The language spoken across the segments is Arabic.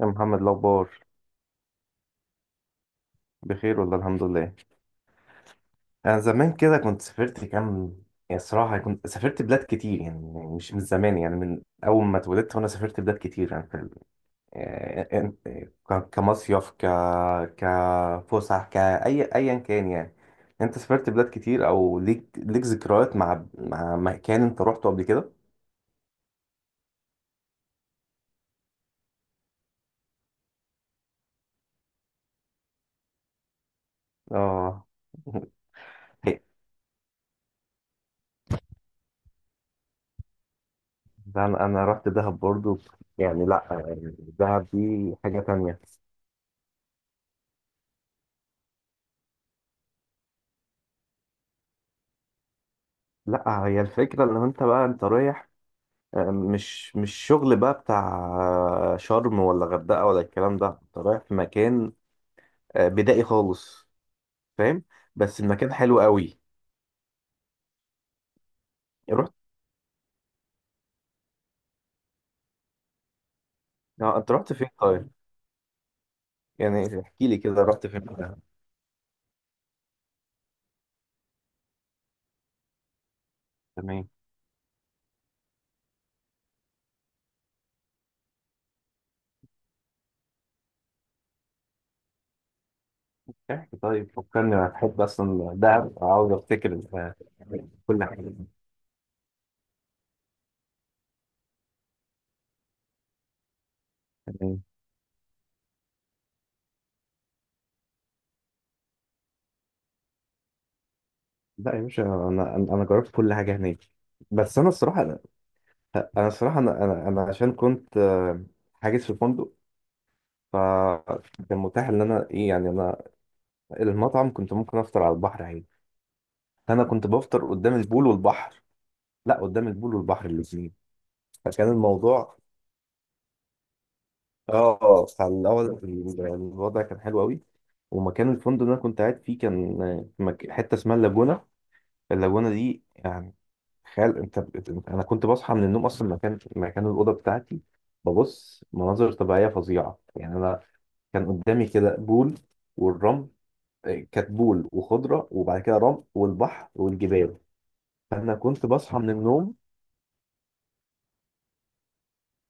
يا محمد، الأخبار؟ بخير والله، الحمد لله. أنا زمان كده كنت سافرت كام. يعني الصراحة كنت سافرت بلاد كتير، يعني مش من زمان، يعني من أول ما اتولدت وأنا سافرت بلاد كتير، يعني كمصيف ك كفسح كأي أيا كان يعني. أنت سافرت بلاد كتير أو ليك ذكريات مع مكان أنت روحته قبل كده؟ آه. ده أنا رحت دهب برضو. يعني لأ، يعني دهب دي حاجة تانية. لا، هي الفكرة ان انت بقى انت رايح، مش شغل بقى بتاع، شرم ولا غردقة ولا الكلام ده، انت رايح في مكان بدائي خالص. فاهم؟ بس المكان حلو قوي. رحت. انت رحت فين طيب؟ يعني احكي لي كده رحت فين بقى. تمام. احكي طيب، فكرني، انا بحب اصلا دهب، عاوز افتكر. كل حاجة. تمام. لا يا باشا، انا انا أنا جربت كل حاجة هناك. بس انا الصراحة، انا انا أنا عشان كنت، حاجز في فندق. فكان متاح ان انا ايه، يعني انا المطعم كنت ممكن افطر على البحر عادي. انا كنت بفطر قدام البول والبحر. لا، قدام البول والبحر الاثنين. فكان الموضوع. اه فالاول الوضع كان حلو قوي، ومكان الفندق اللي انا كنت قاعد فيه كان في حته اسمها اللاجونه. اللاجونه دي يعني، تخيل انت انا كنت بصحى من النوم اصلا، مكان الاوضه بتاعتي ببص مناظر طبيعيه فظيعه، يعني انا كان قدامي كده بول والرمل، كتبول وخضره وبعد كده رمل والبحر والجبال. فانا كنت بصحى من النوم.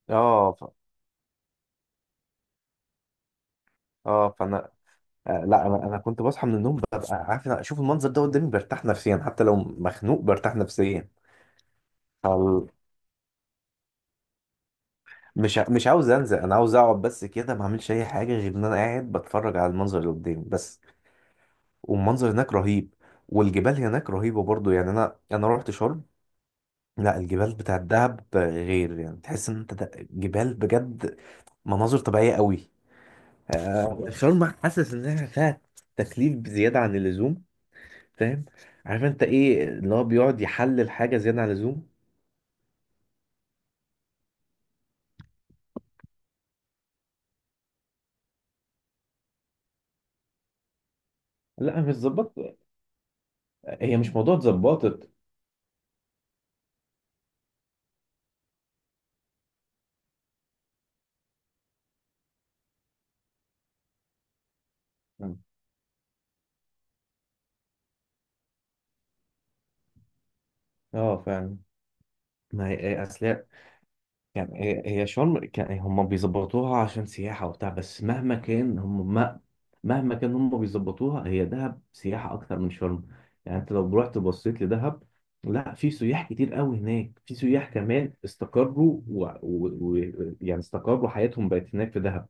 اه ف... اه فانا آه لا انا انا كنت بصحى من النوم، ببقى عارف أنا اشوف المنظر ده قدامي، برتاح نفسيا حتى لو مخنوق برتاح نفسيا. فال... مش عاوز انزل، انا عاوز اقعد بس كده، ما اعملش اي حاجه غير ان انا قاعد بتفرج على المنظر اللي قدامي بس. والمنظر هناك رهيب، والجبال هناك رهيبه برضو، يعني انا رحت شرم. لا، الجبال بتاع الدهب غير، يعني تحس ان انت جبال بجد، مناظر طبيعيه قوي. شرم حاسس انها فيها تكليف بزياده عن اللزوم. فاهم؟ عارف انت ايه اللي هو بيقعد يحلل حاجه زياده عن اللزوم. لا، مش ظبطت. هي مش موضوع اتظبطت. اه فعلا. ما هي اصل هي. كان هي شرم، كان هم بيظبطوها عشان سياحة وبتاع، بس مهما كان هم ما. مهما كان هم بيظبطوها، هي دهب سياحة أكتر من شرم، يعني أنت لو رحت بصيت لدهب. لا، في سياح كتير قوي هناك، في سياح كمان استقروا يعني استقروا، حياتهم بقت هناك في دهب.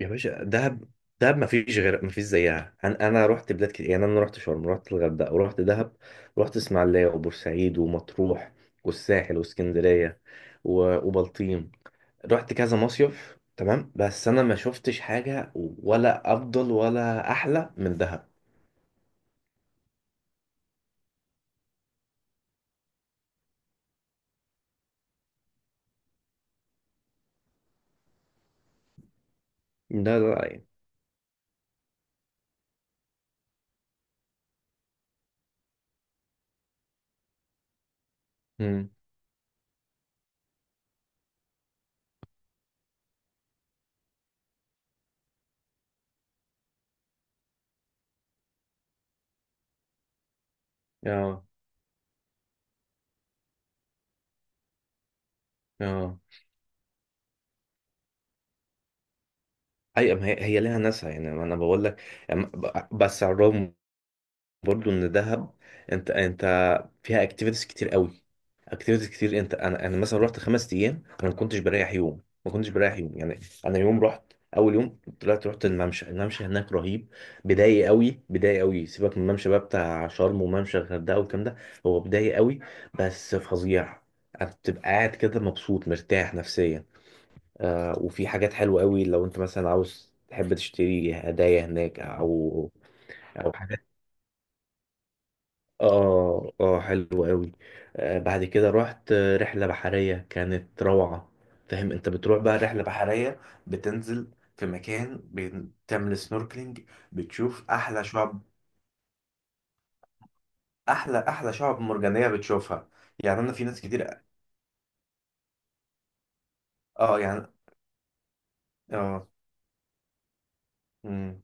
يا باشا، دهب، دهب ما فيش غير، ما فيش زيها. انا رحت بلاد كتير، يعني انا رحت شرم، رحت الغردقه، ورحت دهب. رحت اسماعيليه وبورسعيد ومطروح والساحل واسكندريه وبلطيم. رحت كذا مصيف تمام، بس انا ما شفتش حاجه ولا افضل ولا احلى من دهب. ده رايي. امم. اه اه، ايوه، ما هي هي ليها ناسها، يعني ما انا بقول لك. بس على الرغم، برضو ان دهب، انت فيها اكتيفيتيز كتير قوي. اكتيفيتيز كتير، انت انا مثلا رحت خمس ايام، انا ما كنتش بريح يوم. ما كنتش بريح يوم يعني. انا يوم رحت، اول يوم طلعت رحت الممشى. الممشى هناك رهيب، بداية قوي، بداية قوي. سيبك من الممشى بقى بتاع شرم وممشى الغردقه والكلام ده. هو بداية قوي، بس فظيع. انت بتبقى قاعد كده مبسوط، مرتاح نفسيا. آه، وفي حاجات حلوة قوي لو انت مثلا عاوز تحب تشتري هدايا هناك، او حاجات. اه اه، حلو قوي. آه بعد كده رحت رحلة بحرية كانت روعة. فاهم، انت بتروح بقى رحلة بحرية، بتنزل في مكان، بتعمل سنوركلينج، بتشوف احلى شعب، احلى شعب مرجانية بتشوفها. يعني انا في ناس كتير. اه يعني. اه.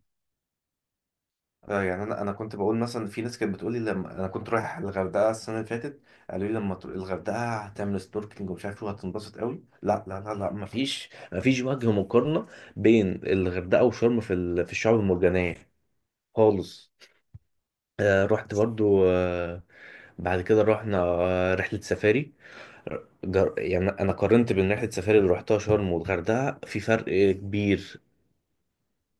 اه يعني انا كنت بقول مثلا، في ناس كانت بتقول لي لما انا كنت رايح الغردقه السنه اللي فاتت، قالوا لي لما تروح الغردقه هتعمل سنوركلينج ومش عارف ايه وهتنبسط قوي. لا لا لا لا، مفيش وجه مقارنه بين الغردقه وشرم في في الشعاب المرجانيه خالص. آه رحت برضو. بعد كده رحنا رحلة سفاري. يعني أنا قارنت بين رحلة سفاري اللي رحتها شرم والغردقة، في فرق كبير.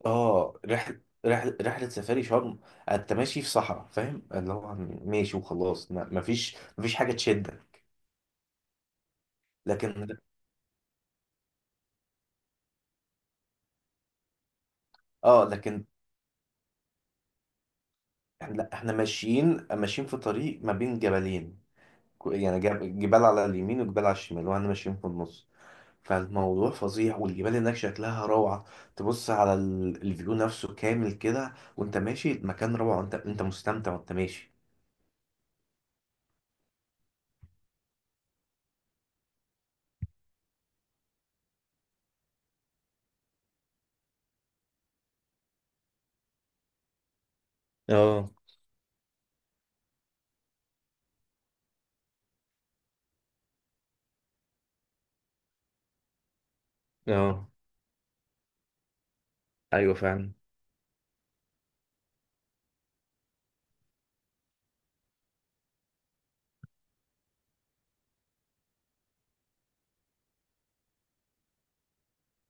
اه، رحلة سفاري شرم، انت ماشي في صحراء. فاهم، اللي هو ماشي وخلاص، مفيش حاجة تشدك. لكن. اه لكن احنا، لا احنا ماشيين في طريق ما بين جبلين. يعني جبال على اليمين وجبال على الشمال واحنا ماشيين في النص. فالموضوع فظيع، والجبال هناك شكلها روعة. تبص على الفيو نفسه كامل كده، وانت ماشي المكان روعة، انت مستمتع وانت ماشي. اه اه، ايوه فعلا،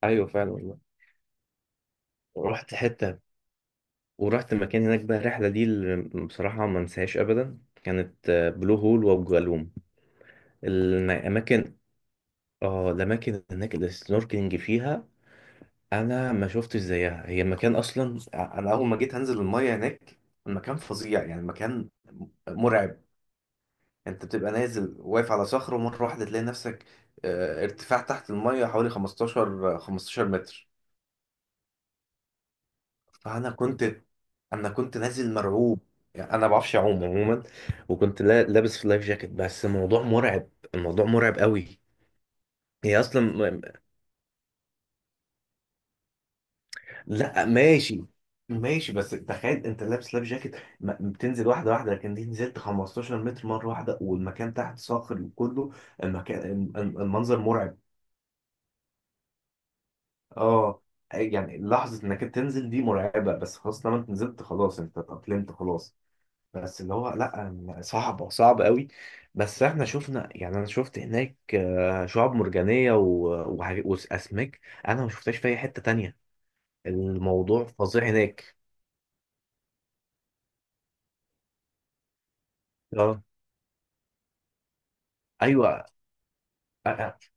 ايوه فعلا والله. رحت حته، ورحت المكان هناك بقى. الرحلة دي اللي بصراحة ما انساهاش أبدا كانت بلو هول وأبو جالوم. الأماكن. اه الأماكن هناك اللي السنوركلينج فيها، أنا ما شفتش زيها. هي مكان أصلا، أنا أول ما جيت هنزل المية هناك المكان فظيع، يعني المكان مرعب. أنت بتبقى نازل واقف على صخرة، ومرة واحدة تلاقي نفسك، ارتفاع تحت المية حوالي 15 15 متر. فانا كنت، انا كنت نازل مرعوب، يعني انا ما بعرفش اعوم عموما، وكنت لابس في لايف جاكيت، بس الموضوع مرعب، الموضوع مرعب قوي. هي اصلا. لا ماشي، ماشي. بس تخيل انت لابس لايف جاكيت، بتنزل واحده واحده، لكن دي نزلت 15 متر مره واحده، والمكان تحت صاخر وكله المكان، المنظر مرعب. اه يعني لحظه انك تنزل دي مرعبه، بس خلاص لما انت نزلت خلاص، انت اتأقلمت خلاص. بس اللي هو لا، صعبة صعبة قوي. بس احنا شفنا، يعني انا شفت هناك، شعاب مرجانية واسماك، انا ما شفتهاش في اي حتة تانية. الموضوع فظيع هناك. اه ايوه. أ- أ-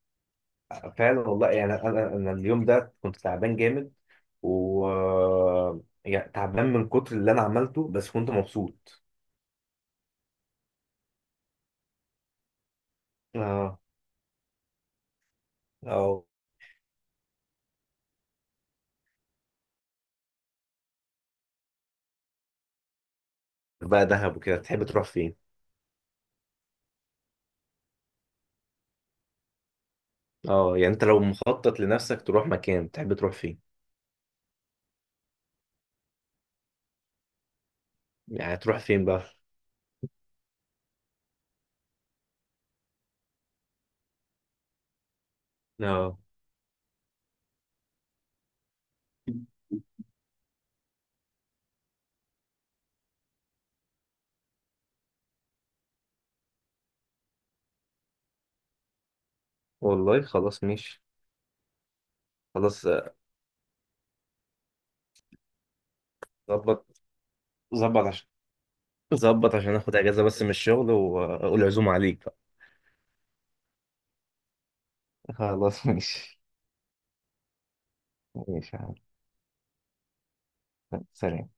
فعلا والله، يعني انا اليوم ده كنت تعبان جامد، و، يعني تعبان من كتر اللي انا عملته، بس كنت مبسوط. اه اه، بقى دهب وكده تحب تروح فين؟ اه يعني انت لو مخطط لنفسك تروح مكان، تحب تروح فين؟ يعني تروح فين بقى؟ اه والله خلاص ماشي، خلاص. ظبط. ظبط عشان. ظبط عشان اخد اجازة بس من الشغل، واقول عزومة عليك بقى. خلاص ماشي. ماشي يا عم. سلام.